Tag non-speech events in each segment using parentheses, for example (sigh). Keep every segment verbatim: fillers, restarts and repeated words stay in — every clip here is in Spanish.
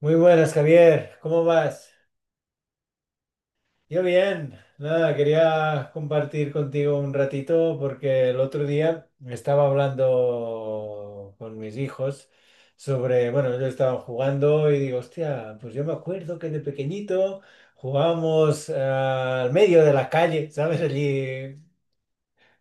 Muy buenas, Javier. ¿Cómo vas? Yo bien. Nada, quería compartir contigo un ratito porque el otro día estaba hablando con mis hijos sobre, bueno, ellos estaban jugando y digo, hostia, pues yo me acuerdo que de pequeñito jugábamos ah, al medio de la calle, (laughs) ¿sabes? Allí.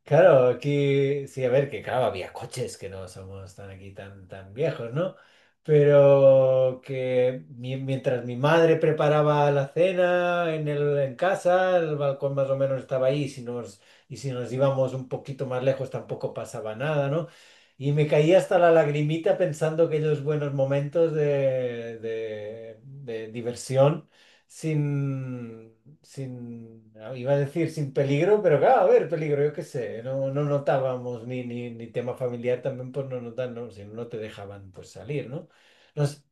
Claro, aquí sí, a ver, que claro, había coches, que no somos tan aquí tan, tan viejos, ¿no? Pero que mi- mientras mi madre preparaba la cena en el, en casa, el balcón más o menos estaba ahí, y si nos, y si nos íbamos un poquito más lejos tampoco pasaba nada, ¿no? Y me caía hasta la lagrimita pensando aquellos buenos momentos de, de de diversión sin, sin, ah, iba a decir sin peligro, pero claro, a ver, peligro, yo qué sé, no, no notábamos ni, ni, ni tema familiar también, pues no notan, no, si no no te dejaban pues salir, ¿no? No s-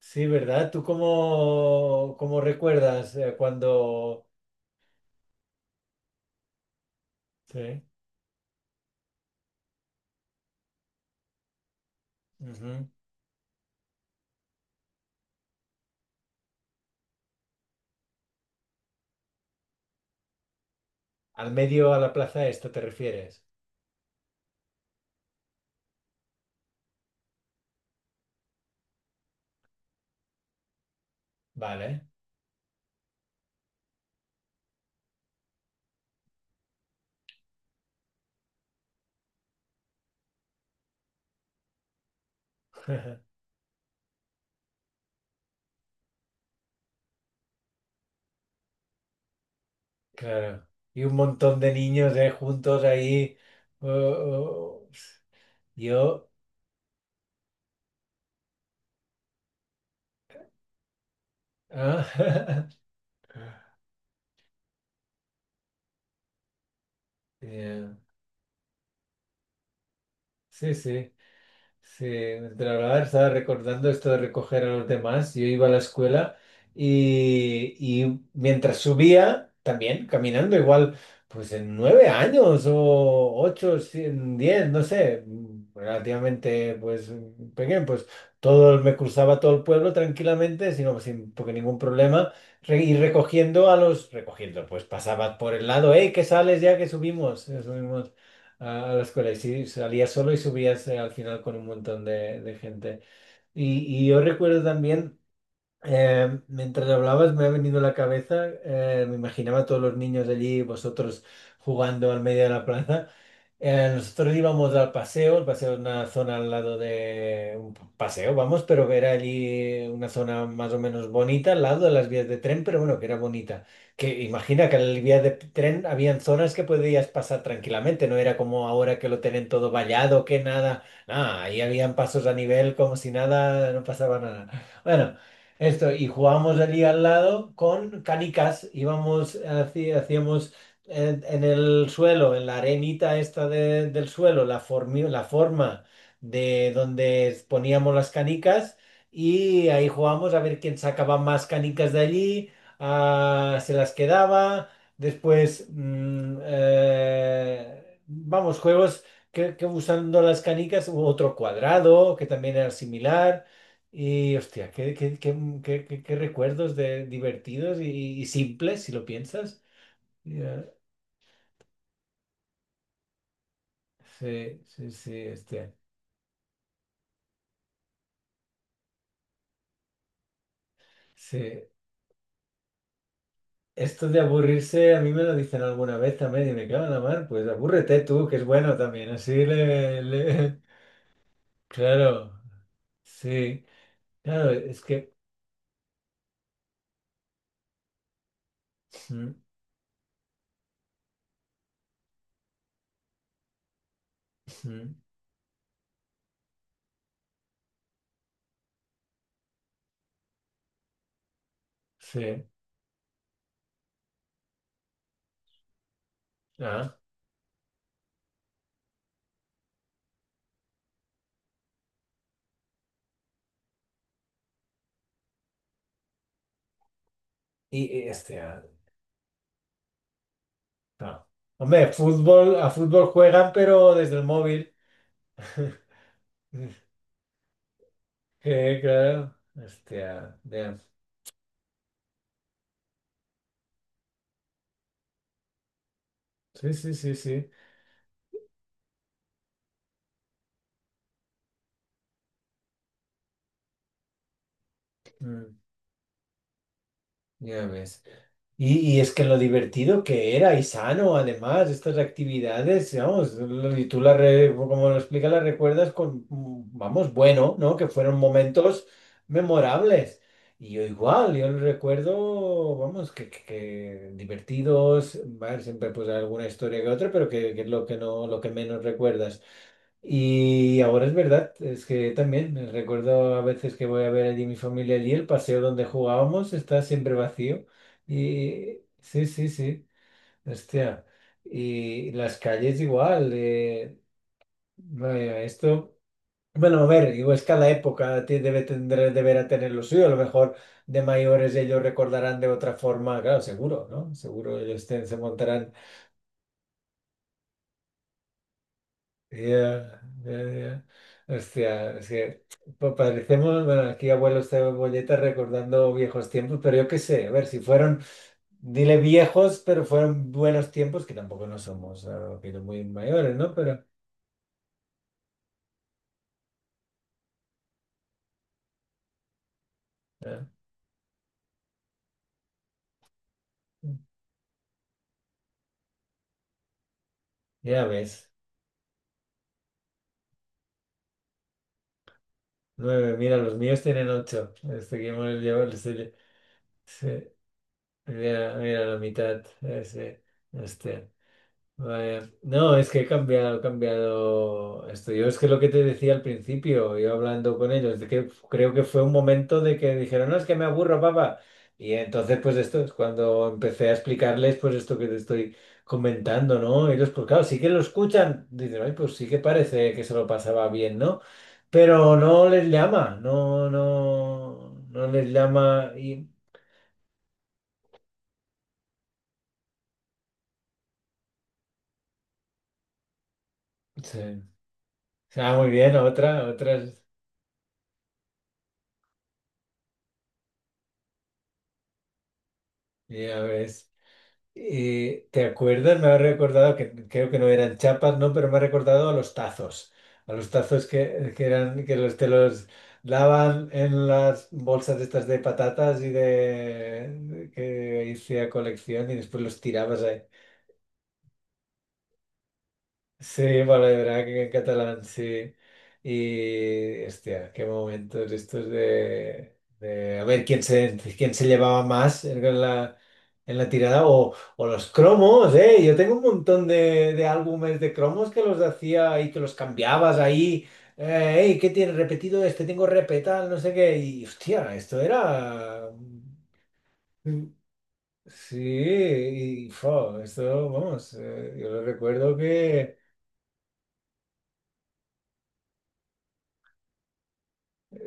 sí, ¿verdad? ¿Tú cómo, cómo recuerdas eh, cuando... Sí. Ujú. Al medio, a la plaza esta te refieres. Vale. (laughs) Claro. Y un montón de niños eh, juntos ahí. Oh, oh, oh, yo... ah. (laughs) Ya, sí, sí, sí. Entre hablar estaba recordando esto de recoger a los demás. Yo iba a la escuela y, y mientras subía, también caminando, igual, pues en nueve años o ocho, sí, en diez, no sé, relativamente pues pequeño, pues todo, me cruzaba todo el pueblo tranquilamente, sino sin porque ningún problema, re- y recogiendo a los, recogiendo, pues pasaba por el lado, hey, que sales ya que subimos, subimos. a a la escuela y sí, salías solo y subías eh, al final con un montón de, de gente. Y, y yo recuerdo también, eh, mientras hablabas me ha venido a la cabeza, eh, me imaginaba a todos los niños allí, vosotros jugando al medio de la plaza. Eh, nosotros íbamos al paseo, el paseo es una zona al lado de un paseo, vamos, pero que era allí una zona más o menos bonita, al lado de las vías de tren, pero bueno, que era bonita. Que imagina que en las vías de tren habían zonas que podías pasar tranquilamente, no era como ahora que lo tienen todo vallado, que nada, nada, ahí habían pasos a nivel como si nada, no pasaba nada. Bueno. Esto, y jugábamos allí al lado con canicas, íbamos, haci- hacíamos en, en el suelo, en la arenita esta de- del suelo, la, formi- la forma de donde poníamos las canicas y ahí jugábamos a ver quién sacaba más canicas de allí, ah, se las quedaba, después, mm, eh, vamos, juegos que, que usando las canicas, hubo otro cuadrado que también era similar. Y hostia, qué, qué- qué- qué- qué- qué recuerdos de divertidos y, y simples, si lo piensas. Sí, sí, sí, hostia. Sí. Esto de aburrirse, a mí me lo dicen alguna vez también y me cago en la mar, pues abúrrete tú, que es bueno también, así le... le- (laughs) Claro, sí, claro, es que... (clears throat) Sí, ah, y y este... ah, no. Hombre, fútbol, a fútbol juegan, pero desde el móvil. (laughs) Que, claro, hostia, ya. Sí, sí, sí, sí. Mm, ya ves. Y, y es que lo divertido que era y sano, además, estas actividades, vamos, lo- y tú la re- como lo explicas, las recuerdas con, mm, vamos, bueno, ¿no? Que fueron momentos memorables. Y yo igual, yo lo recuerdo, vamos, que, que- que divertidos, va, siempre pues alguna historia que otra, pero que, que es lo que no, lo que menos recuerdas. Y ahora es verdad, es que también eh, recuerdo a veces que voy a ver allí mi familia allí, el paseo donde jugábamos está siempre vacío. Y sí, sí, sí, hostia. Y las calles igual. Eh, vaya, esto, bueno, a ver, igual es cada época ti- debe tener, deberá tener lo suyo. A lo mejor de mayores ellos recordarán de otra forma, claro, seguro, ¿no? Seguro ellos te- se montarán. Ya, ya, ya. Hostia, es que pa- parecemos, bueno, aquí abuelo cebolleta recordando viejos tiempos, pero yo qué sé, a ver, si fueron, dile viejos, pero fueron buenos tiempos, que tampoco no somos ah, que no muy mayores, ¿no? Pero ah, ya ves, nueve, mira, los míos tienen ocho, este que hemos llevado, este, sí, mira, mira la mitad, ese, hostia. Eh, no, es que he cambiado, he cambiado esto. Yo es que lo que te decía al principio, yo hablando con ellos, de que creo que fue un momento de que dijeron, no, es que me aburro, papá. Y entonces, pues esto es cuando empecé a explicarles, pues esto que te estoy comentando, ¿no? Ellos, pues claro, sí que lo escuchan. Dicen, ay, pues sí que parece que se lo pasaba bien, ¿no? Pero no les llama, no, no, no les llama y... Sí. Ah, muy bien, otra, otra, ya ves. Eh, ¿te acuerdas? Me ha recordado, que creo que no eran chapas, ¿no? Pero me ha recordado a los tazos. A los tazos que, que eran, que los, te los daban en las bolsas estas de patatas y de, que hacía colección y después los tirabas ahí. Sí, Drag en catalán, sí. Y, hostia, qué momentos estos de, de a ver quién se, quién se llevaba más en la, en la tirada o, o los cromos, ¿eh? Yo tengo un montón de, de álbumes de cromos que los hacía y que los cambiabas ahí. Eh, "Ey, ¿qué tienes repetido este? Tengo repetal, no sé qué. Y, hostia, esto era... mm, sí, y, fo, esto, vamos, eh, yo lo recuerdo que...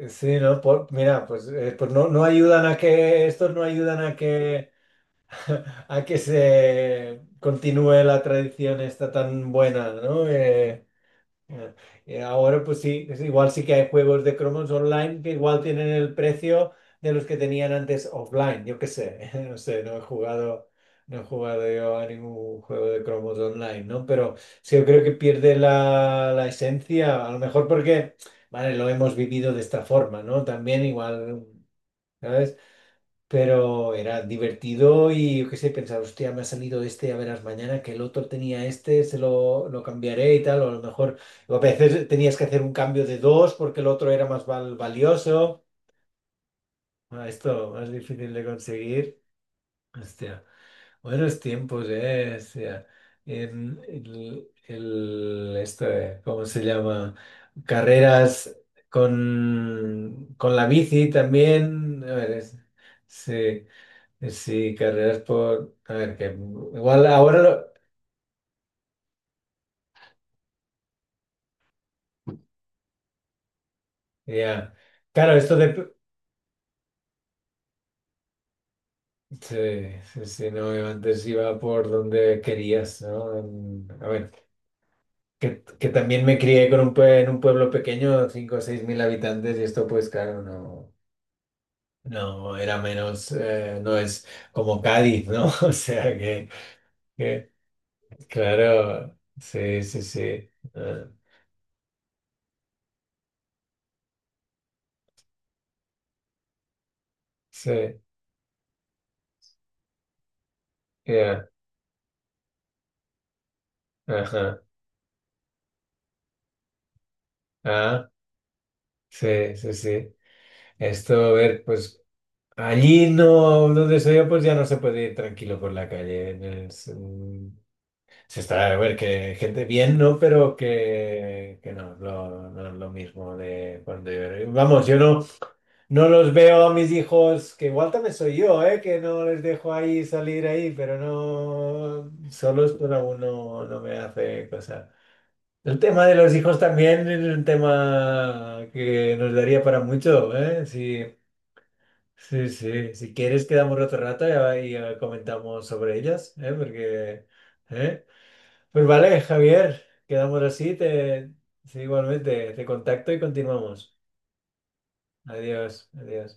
Sí, no, po- mira, pues, eh, pues no, no ayudan a que, estos no ayudan a que, (laughs) a que se continúe la tradición esta tan buena, ¿no? Eh, Ah, Y ahora pues sí, es igual sí que hay juegos de cromos online que igual tienen el precio de los que tenían antes offline, yo qué sé, (laughs) no sé, no he jugado, no he jugado yo a ningún juego de cromos online, ¿no? Pero sí, yo creo que pierde la, la esencia, a lo mejor porque, vale, lo hemos vivido de esta forma, ¿no? También igual, ¿sabes? Pero era divertido y yo qué sé, pensar, hostia, me ha salido este, ya verás mañana que el otro tenía este, se lo, lo cambiaré y tal, o a lo mejor o a veces tenías que hacer un cambio de dos porque el otro era más val- valioso. Ah, esto más difícil de conseguir. Hostia, buenos tiempos, eh. Hostia. En- el, el- esto, eh, ¿cómo se llama? Carreras con, con la bici también. A ver, es- sí. Eh, Sí, carreras por... A ver, que igual ahora lo... Ya. Claro, esto de... Sí, sí, sí, no, yo antes iba por donde querías, ¿no? En- A ver, que, que también me crié con un pue- en un pueblo pequeño, cinco o seis mil habitantes, y esto pues claro, no, no era menos, eh, no es como Cádiz, ¿no? (laughs) O sea que, que claro, sí, sí, sí, ah, sí, ya, ajá, ah, sí, sí, sí. Esto, a ver, pues allí no, donde soy yo, pues ya no se puede ir tranquilo por la calle. en el- Se se está, a ver, que gente bien, ¿no? Pero que, que no, lo- no es lo mismo de cuando yo... Vamos, yo no, no los veo a mis hijos, que igual también soy yo, ¿eh? Que no les dejo ahí salir ahí, pero no, solos pues aún no, no me hace cosa. El tema de los hijos también es un tema que nos daría para mucho, ¿eh? Sí. Sí, sí, si quieres quedamos otro rato y, eh, y, eh, comentamos sobre ellas, ¿eh? Porque, ¿eh? Pues vale, Javier, quedamos así, te, sí, igualmente, te contacto y continuamos. Adiós, adiós.